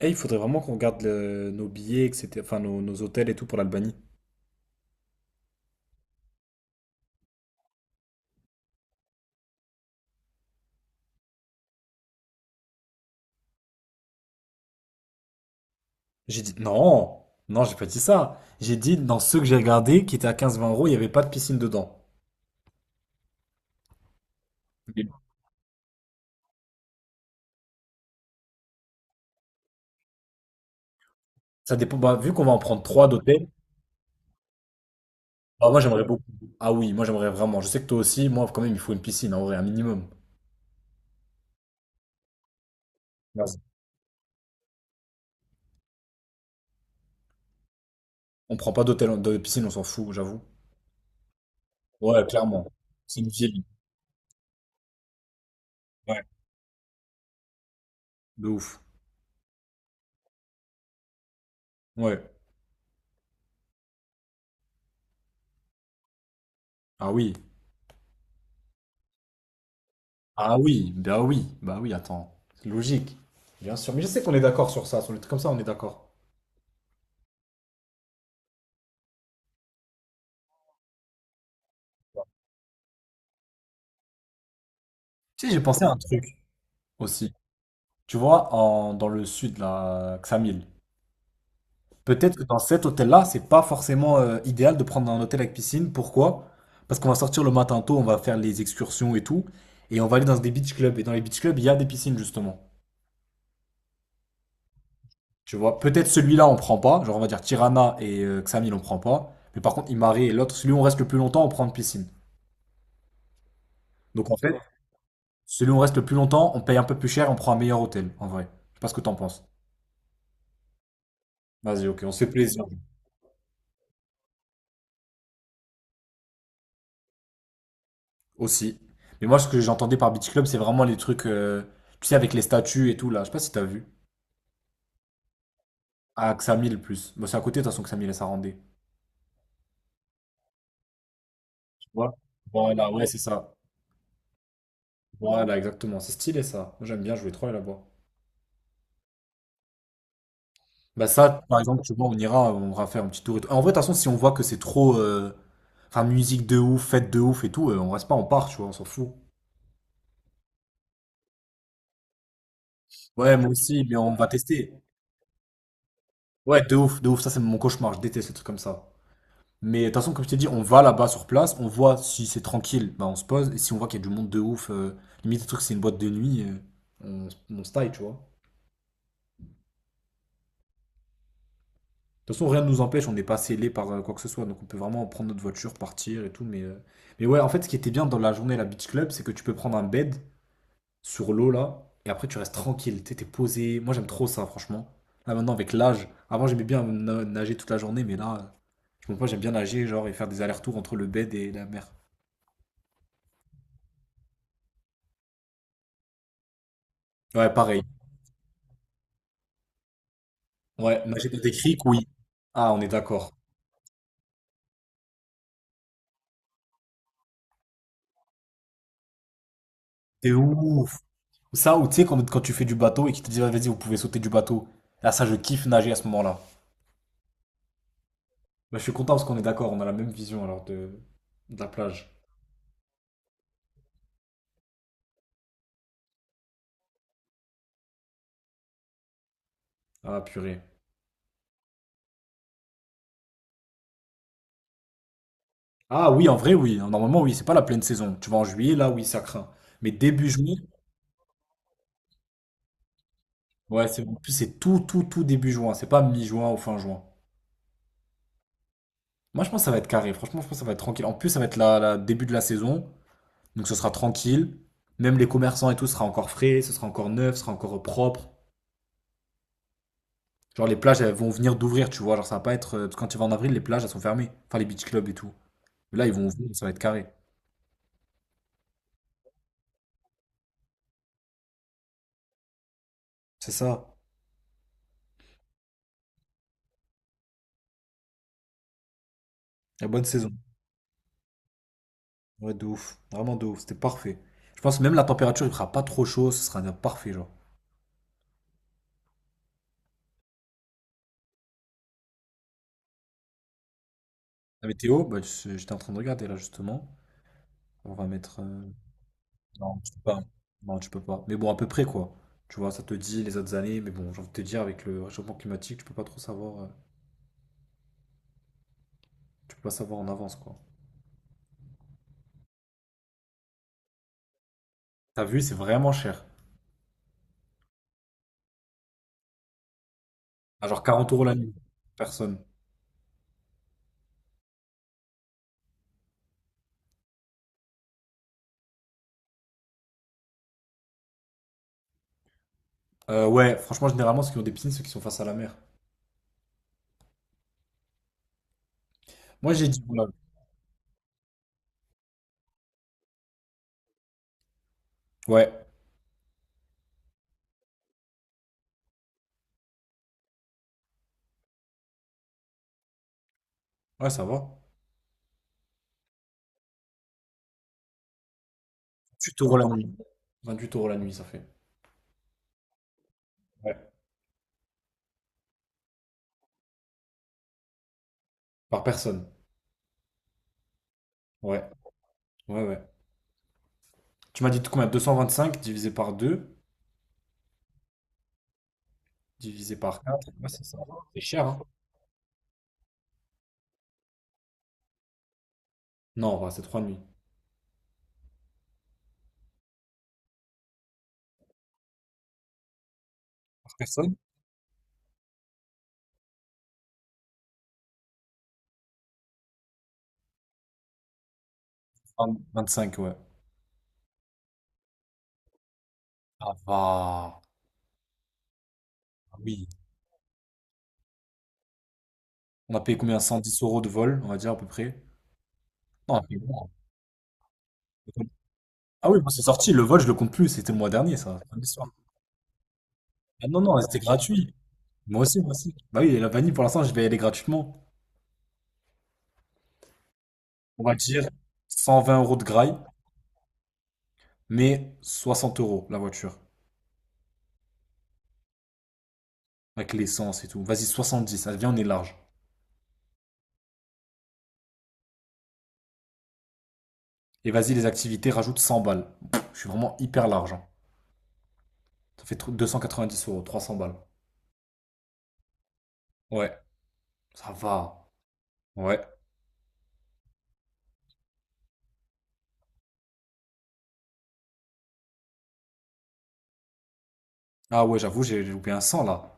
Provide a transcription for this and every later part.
Eh, il faudrait vraiment qu'on regarde nos billets, etc. Enfin, nos hôtels et tout pour l'Albanie. J'ai dit non, non, j'ai pas dit ça. J'ai dit dans ceux que j'ai regardés, qui étaient à 15-20 euros, il n'y avait pas de piscine dedans. Mais ça dépend. Bah, vu qu'on va en prendre trois d'hôtel, bah, moi j'aimerais beaucoup. Ah oui, moi j'aimerais vraiment. Je sais que toi aussi, moi quand même, il faut une piscine, en vrai, un minimum. Merci. On prend pas d'hôtel, de piscine, on s'en fout, j'avoue. Ouais, clairement. C'est une ville. Ouais. De ouf. Ouais. Ah oui. Ah oui, bah oui, bah oui, attends. C'est logique. Bien sûr. Mais je sais qu'on est d'accord sur ça. Sur les trucs comme ça, on est d'accord. Tu sais, j'ai pensé à un truc aussi. Tu vois, dans le sud, là, Ksamil. Peut-être que dans cet hôtel-là, c'est pas forcément idéal de prendre un hôtel avec piscine. Pourquoi? Parce qu'on va sortir le matin tôt, on va faire les excursions et tout. Et on va aller dans des beach clubs. Et dans les beach clubs, il y a des piscines, justement. Tu vois, peut-être celui-là, on prend pas. Genre, on va dire Tirana et Ksamil, on prend pas. Mais par contre, Imare et l'autre, celui où on reste le plus longtemps, on prend une piscine. Donc en fait, celui où on reste le plus longtemps, on paye un peu plus cher, on prend un meilleur hôtel, en vrai. Je sais pas ce que t'en penses. Vas-y, ok, on se fait plaisir. Aussi. Mais moi, ce que j'entendais par Beach Club, c'est vraiment les trucs, tu sais, avec les statues et tout, là. Je sais pas si t'as vu. À Xamil, le plus. Bon, c'est à côté, de toute façon, Xamil et Sarandé. Tu vois? Voilà, ouais, c'est ça. Voilà, exactement. C'est stylé, ça. Moi, j'aime bien jouer trop aller là-bas. Bah ça, par exemple, tu vois, on ira faire un petit tour et tout. En vrai, de toute façon, si on voit que c'est trop... Enfin, musique de ouf, fête de ouf et tout, on reste pas, on part, tu vois, on s'en fout. Ouais, moi aussi, mais on va tester. Ouais, de ouf, ça c'est mon cauchemar, je déteste les trucs comme ça. Mais de toute façon, comme je t'ai dit, on va là-bas sur place, on voit si c'est tranquille, bah on se pose, et si on voit qu'il y a du monde de ouf, limite le truc c'est une boîte de nuit, on, on se taille, tu vois. De toute façon, rien ne nous empêche, on n'est pas scellé par quoi que ce soit, donc on peut vraiment prendre notre voiture, partir et tout, mais... Mais ouais, en fait, ce qui était bien dans la journée à la Beach Club, c'est que tu peux prendre un bed sur l'eau là, et après tu restes tranquille, t'es posé, moi j'aime trop ça, franchement. Là maintenant, avec l'âge, avant j'aimais bien nager toute la journée, mais là... Donc moi j'aime bien nager, genre, et faire des allers-retours entre le bed et la mer. Ouais, pareil. Ouais, nager dans des criques. Ah, on est d'accord. Ça, ou tu sais, quand tu fais du bateau et qu'ils te disent, ah, vas-y, vous pouvez sauter du bateau. Ah, ça, je kiffe nager à ce moment-là. Bah, je suis content parce qu'on est d'accord, on a la même vision alors de la plage. Ah, purée. Ah oui, en vrai, oui. Normalement, oui, c'est pas la pleine saison. Tu vas en juillet, là, oui, ça craint. Mais début juin, ouais, c'est en plus, c'est tout, tout, tout début juin. C'est pas mi-juin ou fin juin. Moi, je pense que ça va être carré. Franchement, je pense que ça va être tranquille. En plus, ça va être la, la début de la saison. Donc ce sera tranquille. Même les commerçants et tout sera encore frais, ce sera encore neuf, ce sera encore propre. Genre les plages, elles vont venir d'ouvrir, tu vois. Genre ça va pas être. Parce que quand tu vas en avril, les plages, elles sont fermées. Enfin, les beach clubs et tout. Mais là, ils vont ouvrir, ça va être carré. C'est ça. La bonne saison. Ouais, de ouf. Vraiment de ouf. C'était parfait. Je pense que même la température, il fera pas trop chaud, ce sera bien parfait, genre. La météo, bah, j'étais en train de regarder là, justement. On va mettre. Non, tu peux pas. Non, tu peux pas. Mais bon, à peu près, quoi. Tu vois, ça te dit les autres années, mais bon, j'ai envie de te dire, avec le réchauffement climatique, tu peux pas trop savoir. Tu peux pas savoir en avance, quoi. T'as vu, c'est vraiment cher. À genre 40 euros la nuit. Personne. Ouais, franchement, généralement, ceux qui ont des piscines, ceux qui sont face à la mer. Moi, j'ai dit, voilà. Ouais. Ouais, ça va. 28 euros la nuit. 28 euros la nuit, ça fait. Ouais. Par personne. Ouais. Ouais, ouais. Tu m'as dit combien? 225 divisé par 2 divisé par 4. Ouais, c'est ça. C'est cher, hein? Non, ouais, c'est 3 nuits. Par personne? 20 25, ouais. Ah, va. Ah oui. On a payé combien? 110 euros de vol, on va dire, à peu près. Non, on a payé moins. Ah oui, moi c'est sorti, le vol je le compte plus, c'était le mois dernier ça, fin de l'histoire. Ah non, non, c'était gratuit. Moi aussi, moi aussi. Bah oui, et la vanille pour l'instant je vais y aller gratuitement. On va dire 120 euros de graille, mais 60 euros la voiture, avec l'essence et tout. Vas-y, 70, allez, viens, on est large. Et vas-y, les activités, rajoute 100 balles. Pff, je suis vraiment hyper large, hein. Ça fait 10 euros, 300 balles. Ouais, ça va. Ouais. Ah ouais, j'avoue, j'ai loupé un 100 là.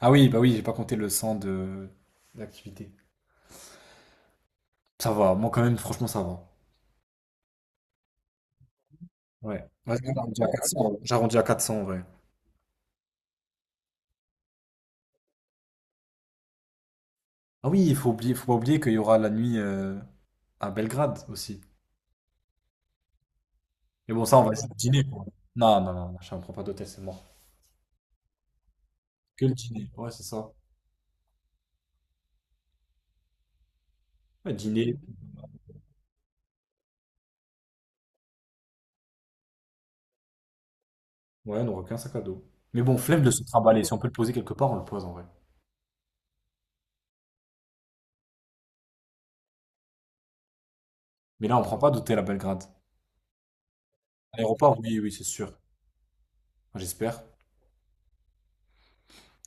Ah oui, bah oui, j'ai pas compté le 100 de d'activité. Ça va, moi quand même, franchement, ça va. Ouais. Ouais, j'arrondis à 400. J'arrondis à 400, ouais. Ah oui, il faut oublier, faut pas oublier qu'il y aura la nuit à Belgrade aussi. Mais bon, ça, on va laisser le dîner, quoi. Non, non, non, je ne prends pas d'hôtel, c'est mort. Que le dîner, ouais, c'est ça. Ouais, dîner, ouais, on n'aura qu'un sac à dos. Mais bon, flemme de se trimballer. Si on peut le poser quelque part, on le pose en vrai. Mais là, on prend pas d'hôtel à Belgrade. Aéroport, oui, oui, c'est sûr. Enfin, j'espère.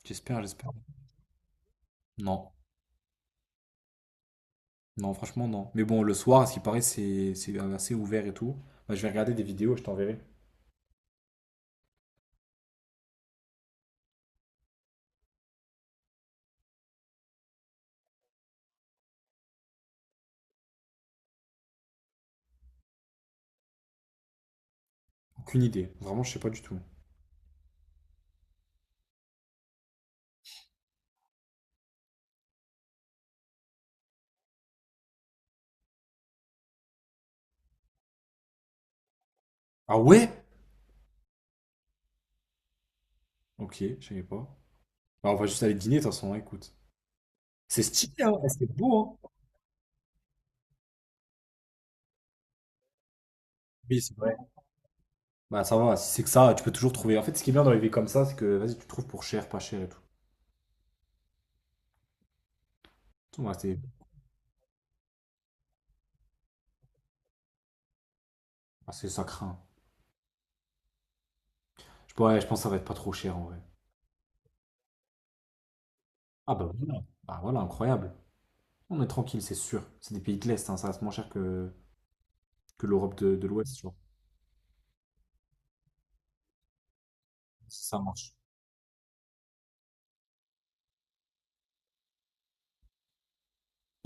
J'espère, j'espère. Non. Non, franchement, non. Mais bon, le soir, à ce qui paraît, c'est assez ouvert et tout. Bah, je vais regarder des vidéos, je t'enverrai. Aucune idée. Vraiment, je sais pas du tout. Ah ouais? Ok, je savais pas. Bah, on va juste aller dîner, de toute façon, hein, écoute. C'est stylé, hein, ouais, c'est beau, hein. Oui, c'est vrai. Bah, ça va, si c'est que ça, tu peux toujours trouver. En fait, ce qui est bien dans les villes comme ça, c'est que, vas-y, tu trouves pour cher, pas cher et tout. Tout, ouais, c'est, ah, ça craint. Ouais, je pense que ça va être pas trop cher, en vrai. Ah, bah voilà. Bah voilà, incroyable. On est tranquille, c'est sûr. C'est des pays de l'Est, hein, ça reste moins cher que l'Europe de l'Ouest, tu vois. Si ça marche.